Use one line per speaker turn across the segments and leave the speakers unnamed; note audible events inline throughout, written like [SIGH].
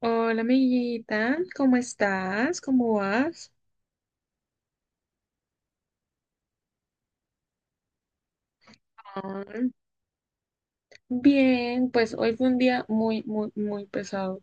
Hola, amiguita, ¿cómo estás? ¿Cómo vas? Ah, Bien, pues hoy fue un día muy, muy, muy pesado,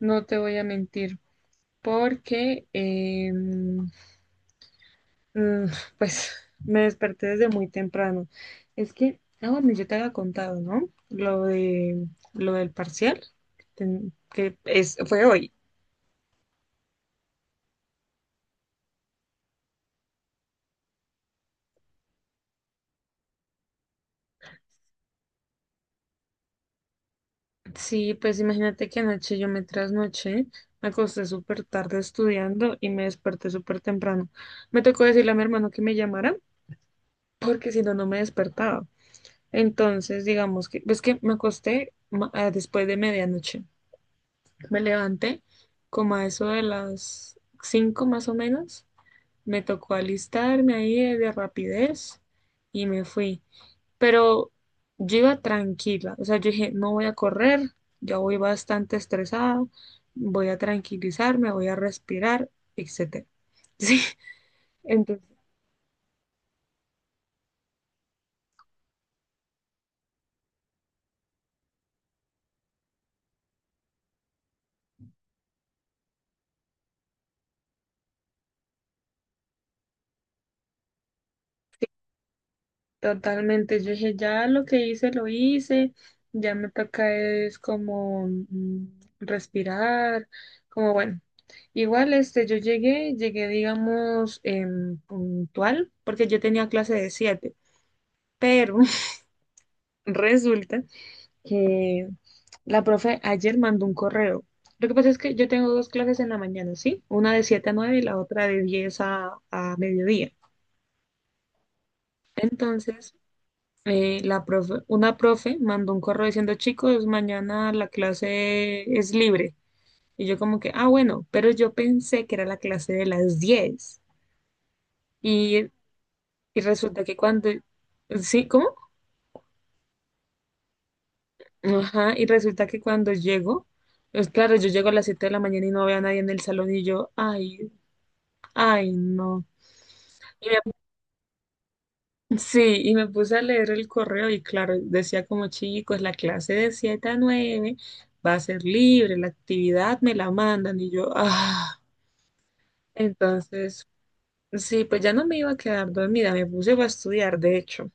no te voy a mentir, porque mm, [LAUGHS] pues me desperté desde muy temprano. Es que, bueno, yo te había contado, ¿no? Lo del parcial, que es, fue hoy. Sí, pues imagínate que anoche yo me trasnoché, me acosté súper tarde estudiando y me desperté súper temprano. Me tocó decirle a mi hermano que me llamara porque si no, no me despertaba. Entonces, digamos que, ves que me acosté después de medianoche. Me levanté como a eso de las 5 más o menos. Me tocó alistarme ahí de rapidez y me fui. Pero yo iba tranquila, o sea, yo dije, no voy a correr, ya voy bastante estresada, voy a tranquilizarme, voy a respirar, etcétera. [LAUGHS] Sí, entonces totalmente, yo dije, ya lo que hice, lo hice, ya me toca es como respirar, como bueno. Igual, este, yo llegué, llegué, digamos, puntual, porque yo tenía clase de 7, pero [LAUGHS] resulta que la profe ayer mandó un correo. Lo que pasa es que yo tengo dos clases en la mañana, ¿sí? Una de 7 a 9 y la otra de diez a mediodía. Entonces, la profe, una profe mandó un correo diciendo, chicos, mañana la clase es libre. Y yo como que, ah, bueno, pero yo pensé que era la clase de las 10. Y, y resulta que cuando, ¿sí? ¿Cómo? Ajá, y resulta que cuando llego, pues claro, yo llego a las 7 de la mañana y no veo a nadie en el salón y yo, ay, ay, no. Y sí, y me puse a leer el correo y claro, decía como chicos, la clase de 7 a 9, va a ser libre, la actividad me la mandan y yo, entonces, sí, pues ya no me iba a quedar dormida, me puse a estudiar, de hecho.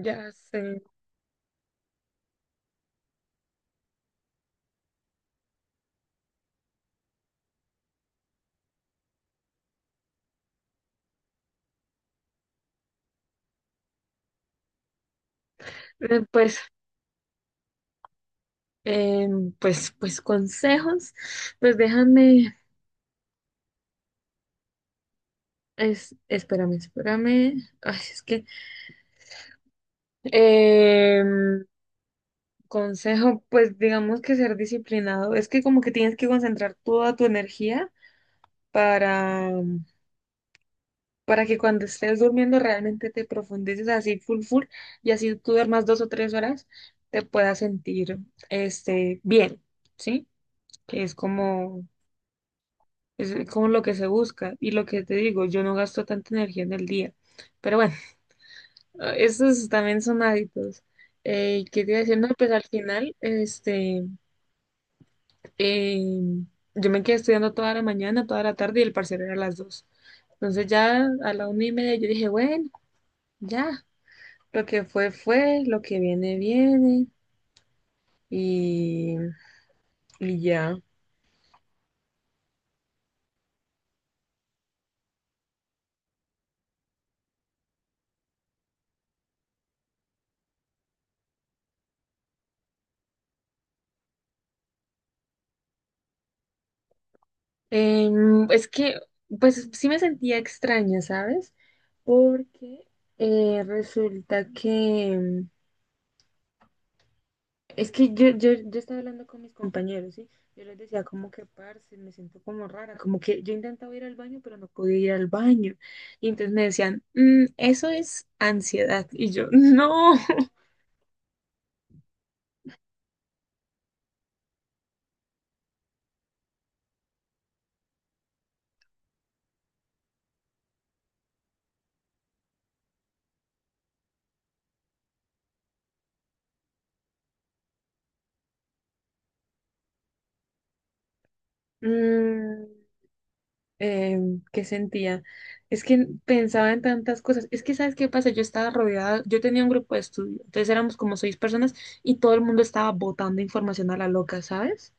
Ya sé. Pues, eh, pues consejos, pues déjame, espérame, espérame. Ay, es que, em, consejo, pues digamos que ser disciplinado. Es que como que tienes que concentrar toda tu energía para, para que cuando estés durmiendo realmente te profundices así full full y así tú duermas 2 o 3 horas te puedas sentir este bien, ¿sí? Que es como lo que se busca y lo que te digo, yo no gasto tanta energía en el día. Pero bueno, esos también son hábitos. ¿Qué te iba a decir? No, pues al final, este... Eh, yo me quedé estudiando toda la mañana, toda la tarde y el parcial era a las 2. Entonces ya a la 1:30 yo dije, bueno, ya, lo que fue fue, lo que viene viene y, y ya. Es que, pues sí me sentía extraña, ¿sabes? Porque resulta que, es que yo estaba hablando con mis compañeros, ¿sí? Yo les decía como que, parce, me siento como rara, como que yo intentaba ir al baño, pero no podía ir al baño. Y entonces me decían, "Mm, eso es ansiedad". Y yo, no. [LAUGHS] Mm, ¿qué sentía? Es que pensaba en tantas cosas. Es que, ¿sabes qué pasa? Yo estaba rodeada, yo tenía un grupo de estudio, entonces éramos como seis personas y todo el mundo estaba botando información a la loca, ¿sabes?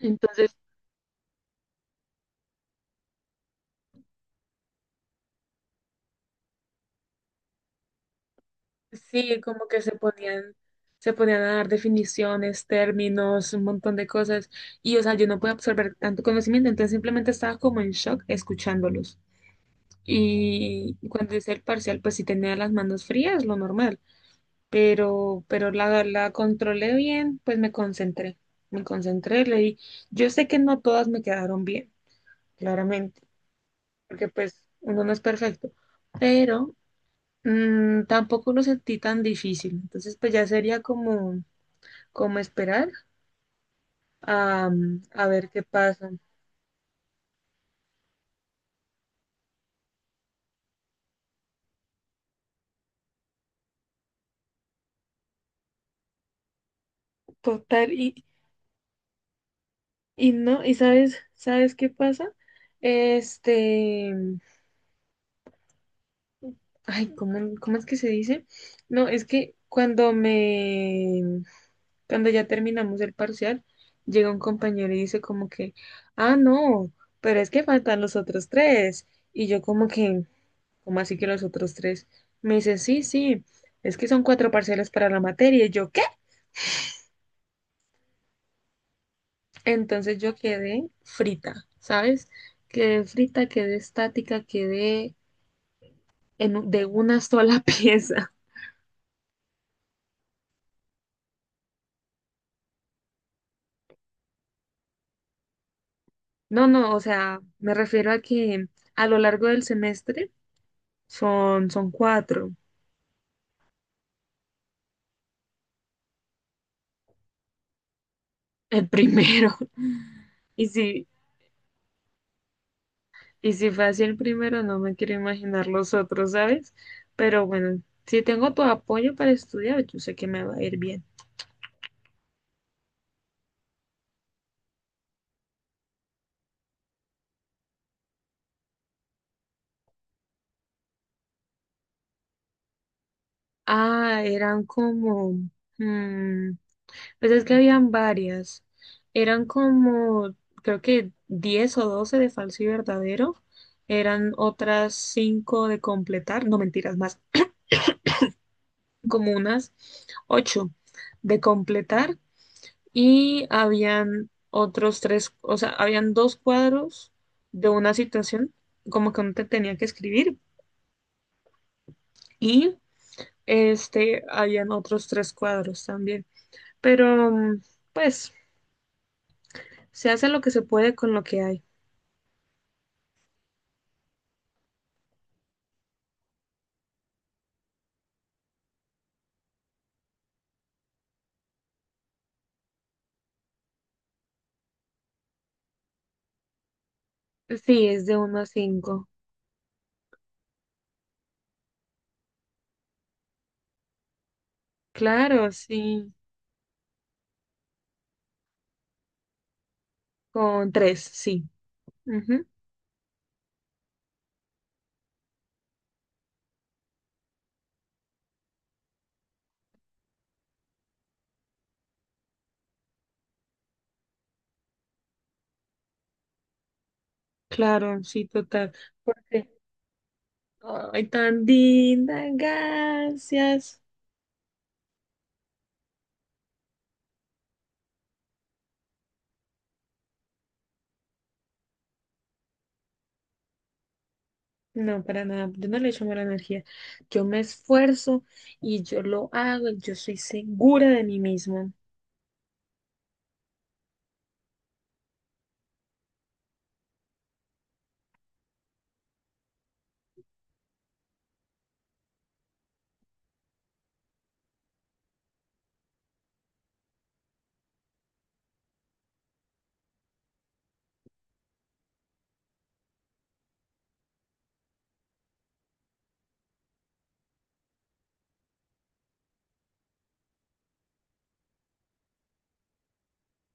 Entonces sí, como que se ponían a dar definiciones, términos, un montón de cosas. Y, o sea, yo no puedo absorber tanto conocimiento, entonces simplemente estaba como en shock escuchándolos. Y cuando hice el parcial, pues sí tenía las manos frías, lo normal. Pero la controlé bien, pues me concentré. Me concentré, leí. Yo sé que no todas me quedaron bien, claramente, porque pues uno no es perfecto. Pero tampoco lo sentí tan difícil, entonces pues ya sería como esperar a, a ver qué pasa. Total, y no, y sabes, ¿sabes qué pasa? Este, ay, cómo es que se dice? No, es que cuando ya terminamos el parcial, llega un compañero y dice como que, ah, no, pero es que faltan los otros tres, y yo como que... como así que los otros tres? Me dice, sí, sí, es que son cuatro parcelas para la materia. Y yo, ¿qué? Entonces yo quedé frita, ¿sabes? Quedé frita, quedé estática, quedé de una sola [LAUGHS] pieza. No, no, o sea, me refiero a que a lo largo del semestre son cuatro. El primero. [LAUGHS] Y si, y si fue así el primero, no me quiero imaginar los otros, ¿sabes? Pero bueno, si tengo tu apoyo para estudiar, yo sé que me va a ir bien. Eran como, mm, pues es que habían varias. Eran como, creo que 10 o 12 de falso y verdadero. Eran otras 5 de completar, no mentiras, más como unas 8 de completar. Y habían otros tres, o sea, habían dos cuadros de una situación, como que uno te tenía que escribir. Y este, habían otros tres cuadros también. Pero, pues. Se hace lo que se puede con lo que hay. Sí, es de uno a cinco. Claro, sí. Con tres sí. Ujú. Claro, sí, total. Porque, ay, tan linda, gracias. No, para nada, yo no le echo mala energía. Yo me esfuerzo y yo lo hago, yo soy segura de mí misma.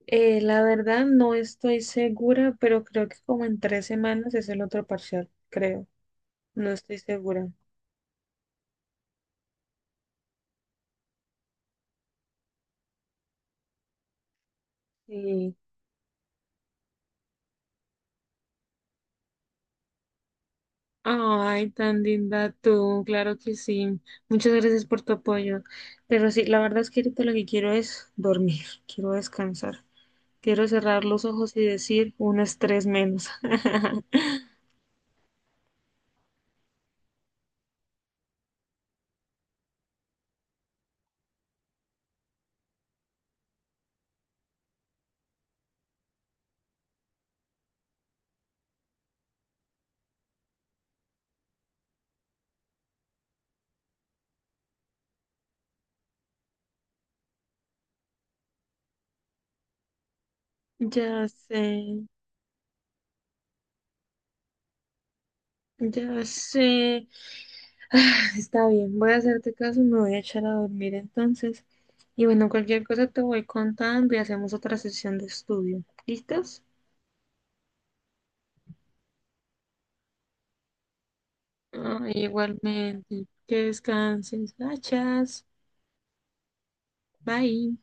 La verdad no estoy segura, pero creo que como en 3 semanas es el otro parcial, creo. No estoy segura. Sí. Ay, tan linda tú, claro que sí. Muchas gracias por tu apoyo. Pero sí, la verdad es que ahorita lo que quiero es dormir, [LAUGHS] quiero descansar, quiero cerrar los ojos y decir un estrés menos. [LAUGHS] Ya sé, ya sé. [SIGHS] Está bien, voy a hacerte caso, me voy a echar a dormir entonces. Y bueno, cualquier cosa te voy contando y hacemos otra sesión de estudio. ¿Listos? Igualmente, que descanses. Gracias. Bye.